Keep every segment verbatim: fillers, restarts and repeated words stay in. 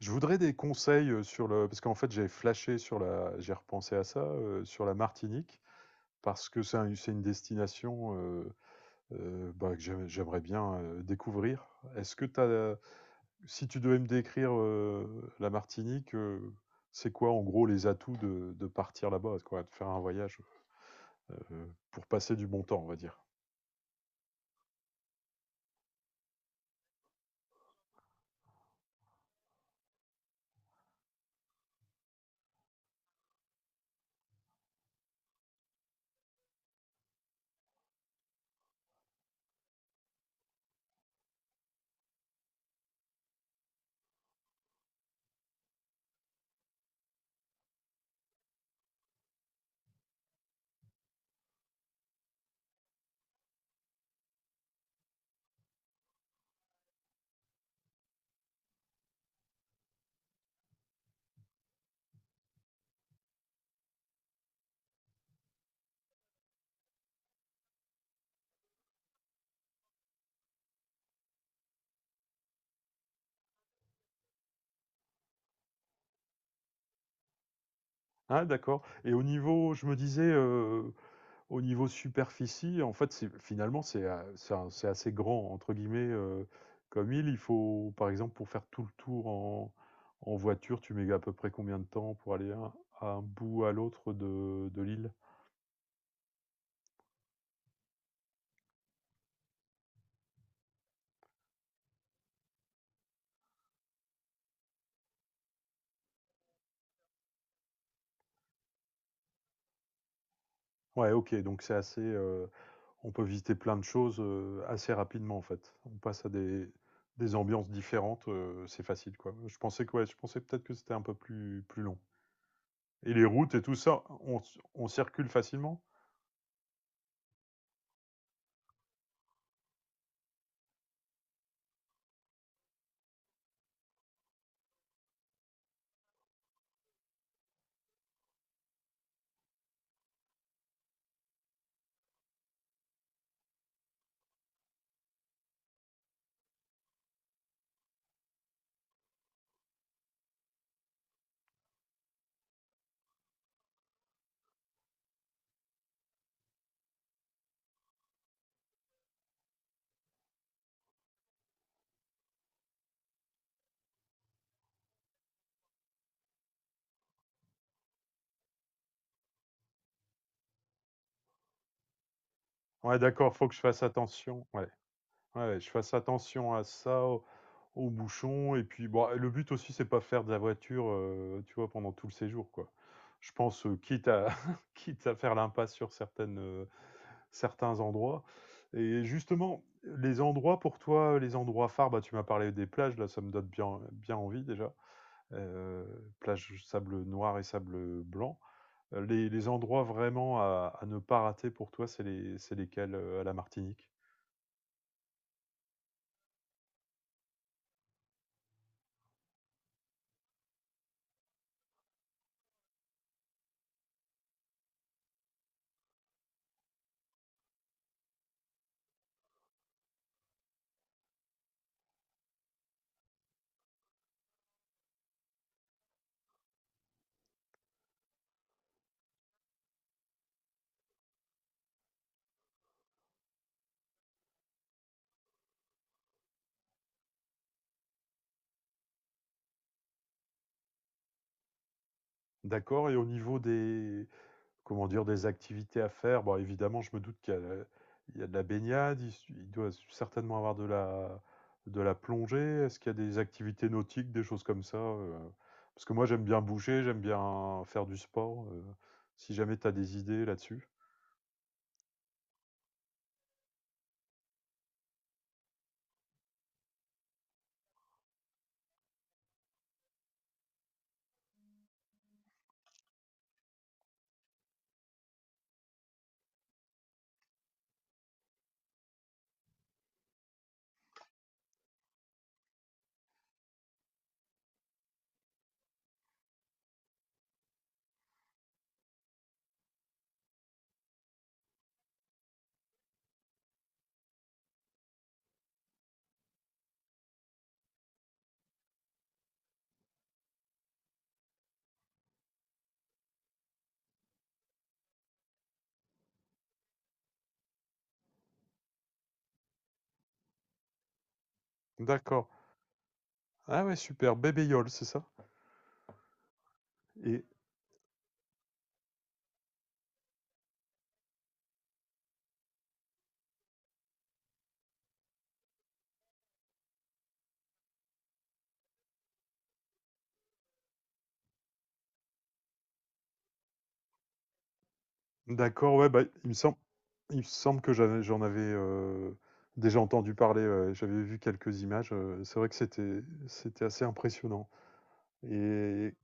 Je voudrais des conseils, heu, sur le parce qu'en fait, j'ai flashé sur la j'ai repensé à ça, heu, sur la Martinique parce que c'est un c'est une destination, heu heu, bah, que j'aime j'aimerais bien, heu, découvrir. Est-ce que tu as si tu devais me décrire, heu, la Martinique, heu, c'est quoi, en gros, les atouts de de partir là-bas, quoi, de faire un voyage, heu, pour passer du bon temps, on va dire? Ah d'accord et au niveau je me disais, au niveau superficie, en fait, c'est finalement, c'est a c'est un c'est assez grand entre guillemets, heu, comme île. Il faut par exemple, pour faire tout le tour en en voiture, tu mets à peu près combien de temps pour aller à à un bout à l'autre de de l'île? Ouais, OK, donc c'est assez, heu, on peut visiter plein de choses, heu, assez rapidement en fait. On passe à des des ambiances différentes, heu, c'est facile quoi. Je pensais que ouais, je pensais peut-être que c'était un peu plus plus long. Et les routes et tout ça, on on circule facilement? Ouais d'accord, faut que je fasse attention. Ouais. Ouais, ouais, je fasse attention à ça, au aux bouchons et puis bon, le but aussi c'est pas faire de la voiture, heu, tu vois, pendant tout le séjour, quoi. Je pense, heu, quitte à quitte à faire l'impasse sur certaines, heu, certains endroits et justement, les endroits pour toi, les endroits phares, bah, tu m'as parlé des plages, là, ça me donne bien bien envie déjà, heu, plage sable noir et sable, blanc. Heu, les les endroits vraiment à à ne pas rater pour toi, c'est les c'est lesquels, heu, à la Martinique? D'accord et au niveau des comment dire? Des activités à faire? Bon, évidemment, je me doute qu'il y a la il y a de la baignade, il il doit certainement avoir de la de la plongée. Est-ce qu'il y a des activités nautiques, des choses comme ça, heu? Parce que moi, j'aime bien bouger, j'aime bien faire du sport, heu, si jamais tu as des idées là-dessus? D'accord. Ah ouais, super, bébé-yole, c'est ça? Et d'accord, ouais, bah, il me semble il me semble que j'avais j'en avais, heu, déjà entendu parler, ouais, j'avais vu quelques images, heu, c'est vrai que c'était c'était assez impressionnant et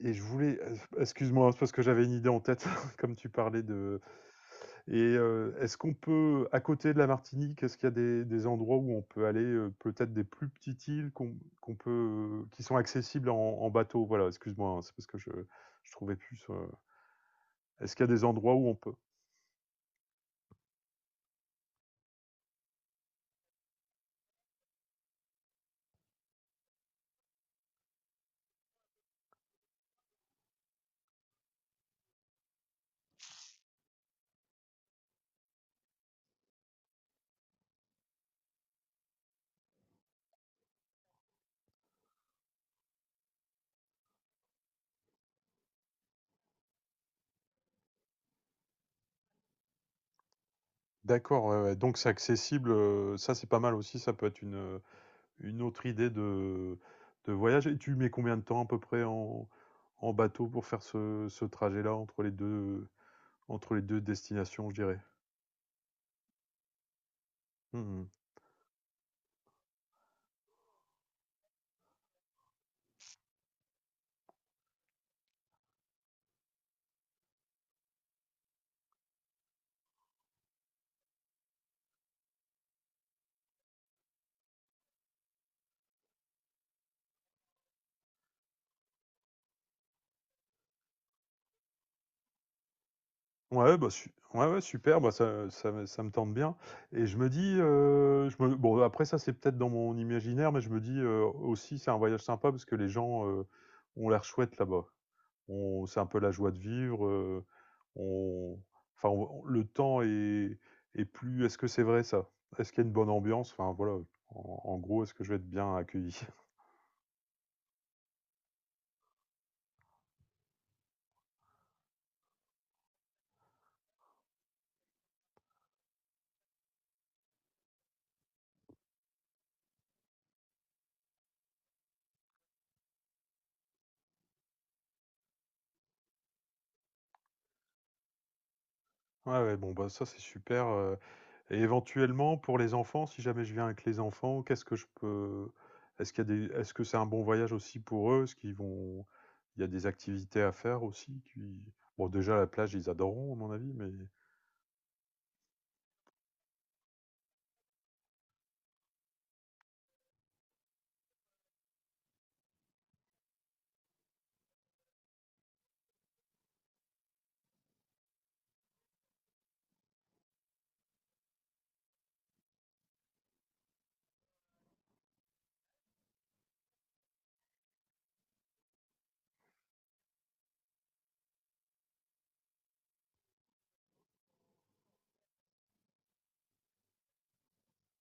Et je voulais, excuse-moi, hein, c'est parce que j'avais une idée en tête comme tu parlais de et heu, est-ce qu'on peut à côté de la Martinique, est-ce qu'il y a des des endroits où on peut aller, heu, peut-être des plus petites îles qu'on qu'on peut qui sont accessibles en en bateau? Voilà, excuse-moi, hein, c'est parce que je je trouvais plus, heu, est-ce qu'il y a des endroits où on peut d'accord, ouais, ouais, donc c'est accessible, heu, ça c'est pas mal aussi, ça peut être une, une autre idée de de voyage et tu mets combien de temps à peu près en en bateau pour faire ce ce trajet-là entre les deux entre les deux destinations, je dirais. Mmh. Ouais, bah, su ouais, ouais, super, bah, ça ça me ça me tente bien et je me dis, heu, je me bon après ça, c'est peut-être dans mon imaginaire, mais je me dis, heu, aussi c'est un voyage sympa parce que les gens, heu, ont l'air chouettes là-bas. On c'est un peu la joie de vivre, heu, on enfin on le temps est est plus est-ce que c'est vrai ça? Est-ce qu'il y a une bonne ambiance? Enfin voilà, en en gros, est-ce que je vais être bien accueilli? Ouais, ouais, bon, bah, ça, c'est super, heu et éventuellement, pour les enfants, si jamais je viens avec les enfants, qu'est-ce que je peux. Est-ce qu'il y a des... Est-ce que c'est un bon voyage aussi pour eux? Est-ce qu'ils vont. Il y a des activités à faire aussi qui... Bon, déjà, la plage, ils adoreront, à mon avis, mais.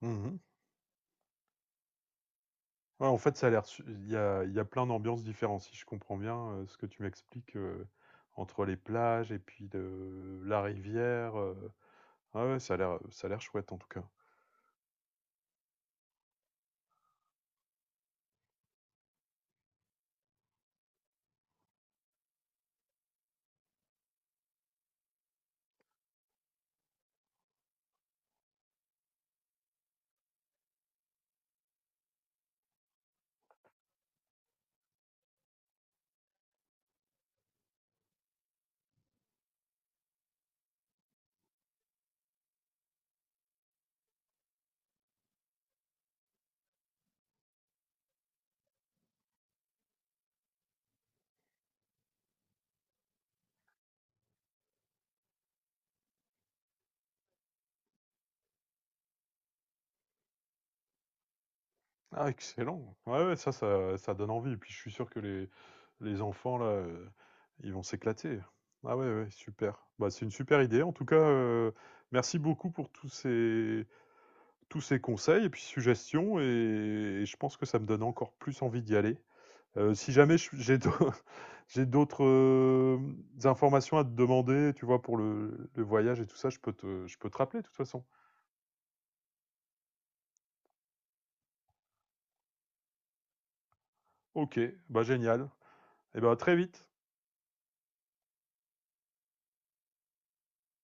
Mhm. Ouais, en fait, ça a l'air. Su- Il y a, il y a plein d'ambiances différentes, si je comprends bien euh, ce que tu m'expliques euh, entre les plages et puis le- la rivière. euh. Ah ouais, ça a l'air, ça a l'air chouette en tout cas. Ah, excellent. Ouais, ouais, ça, ça, ça donne envie. Et puis, je suis sûr que les, les enfants, là, euh, ils vont s'éclater. Ah ouais, ouais, super. Bah, c'est une super idée. En tout cas, euh, merci beaucoup pour tous ces, tous ces conseils et puis suggestions. Et, et je pense que ça me donne encore plus envie d'y aller. Euh, si jamais je- j'ai d'au- j'ai d'autres euh, informations à te demander, tu vois, pour le, le voyage et tout ça, je peux te, je peux te rappeler de toute façon. OK, bah génial. Et bah à très vite.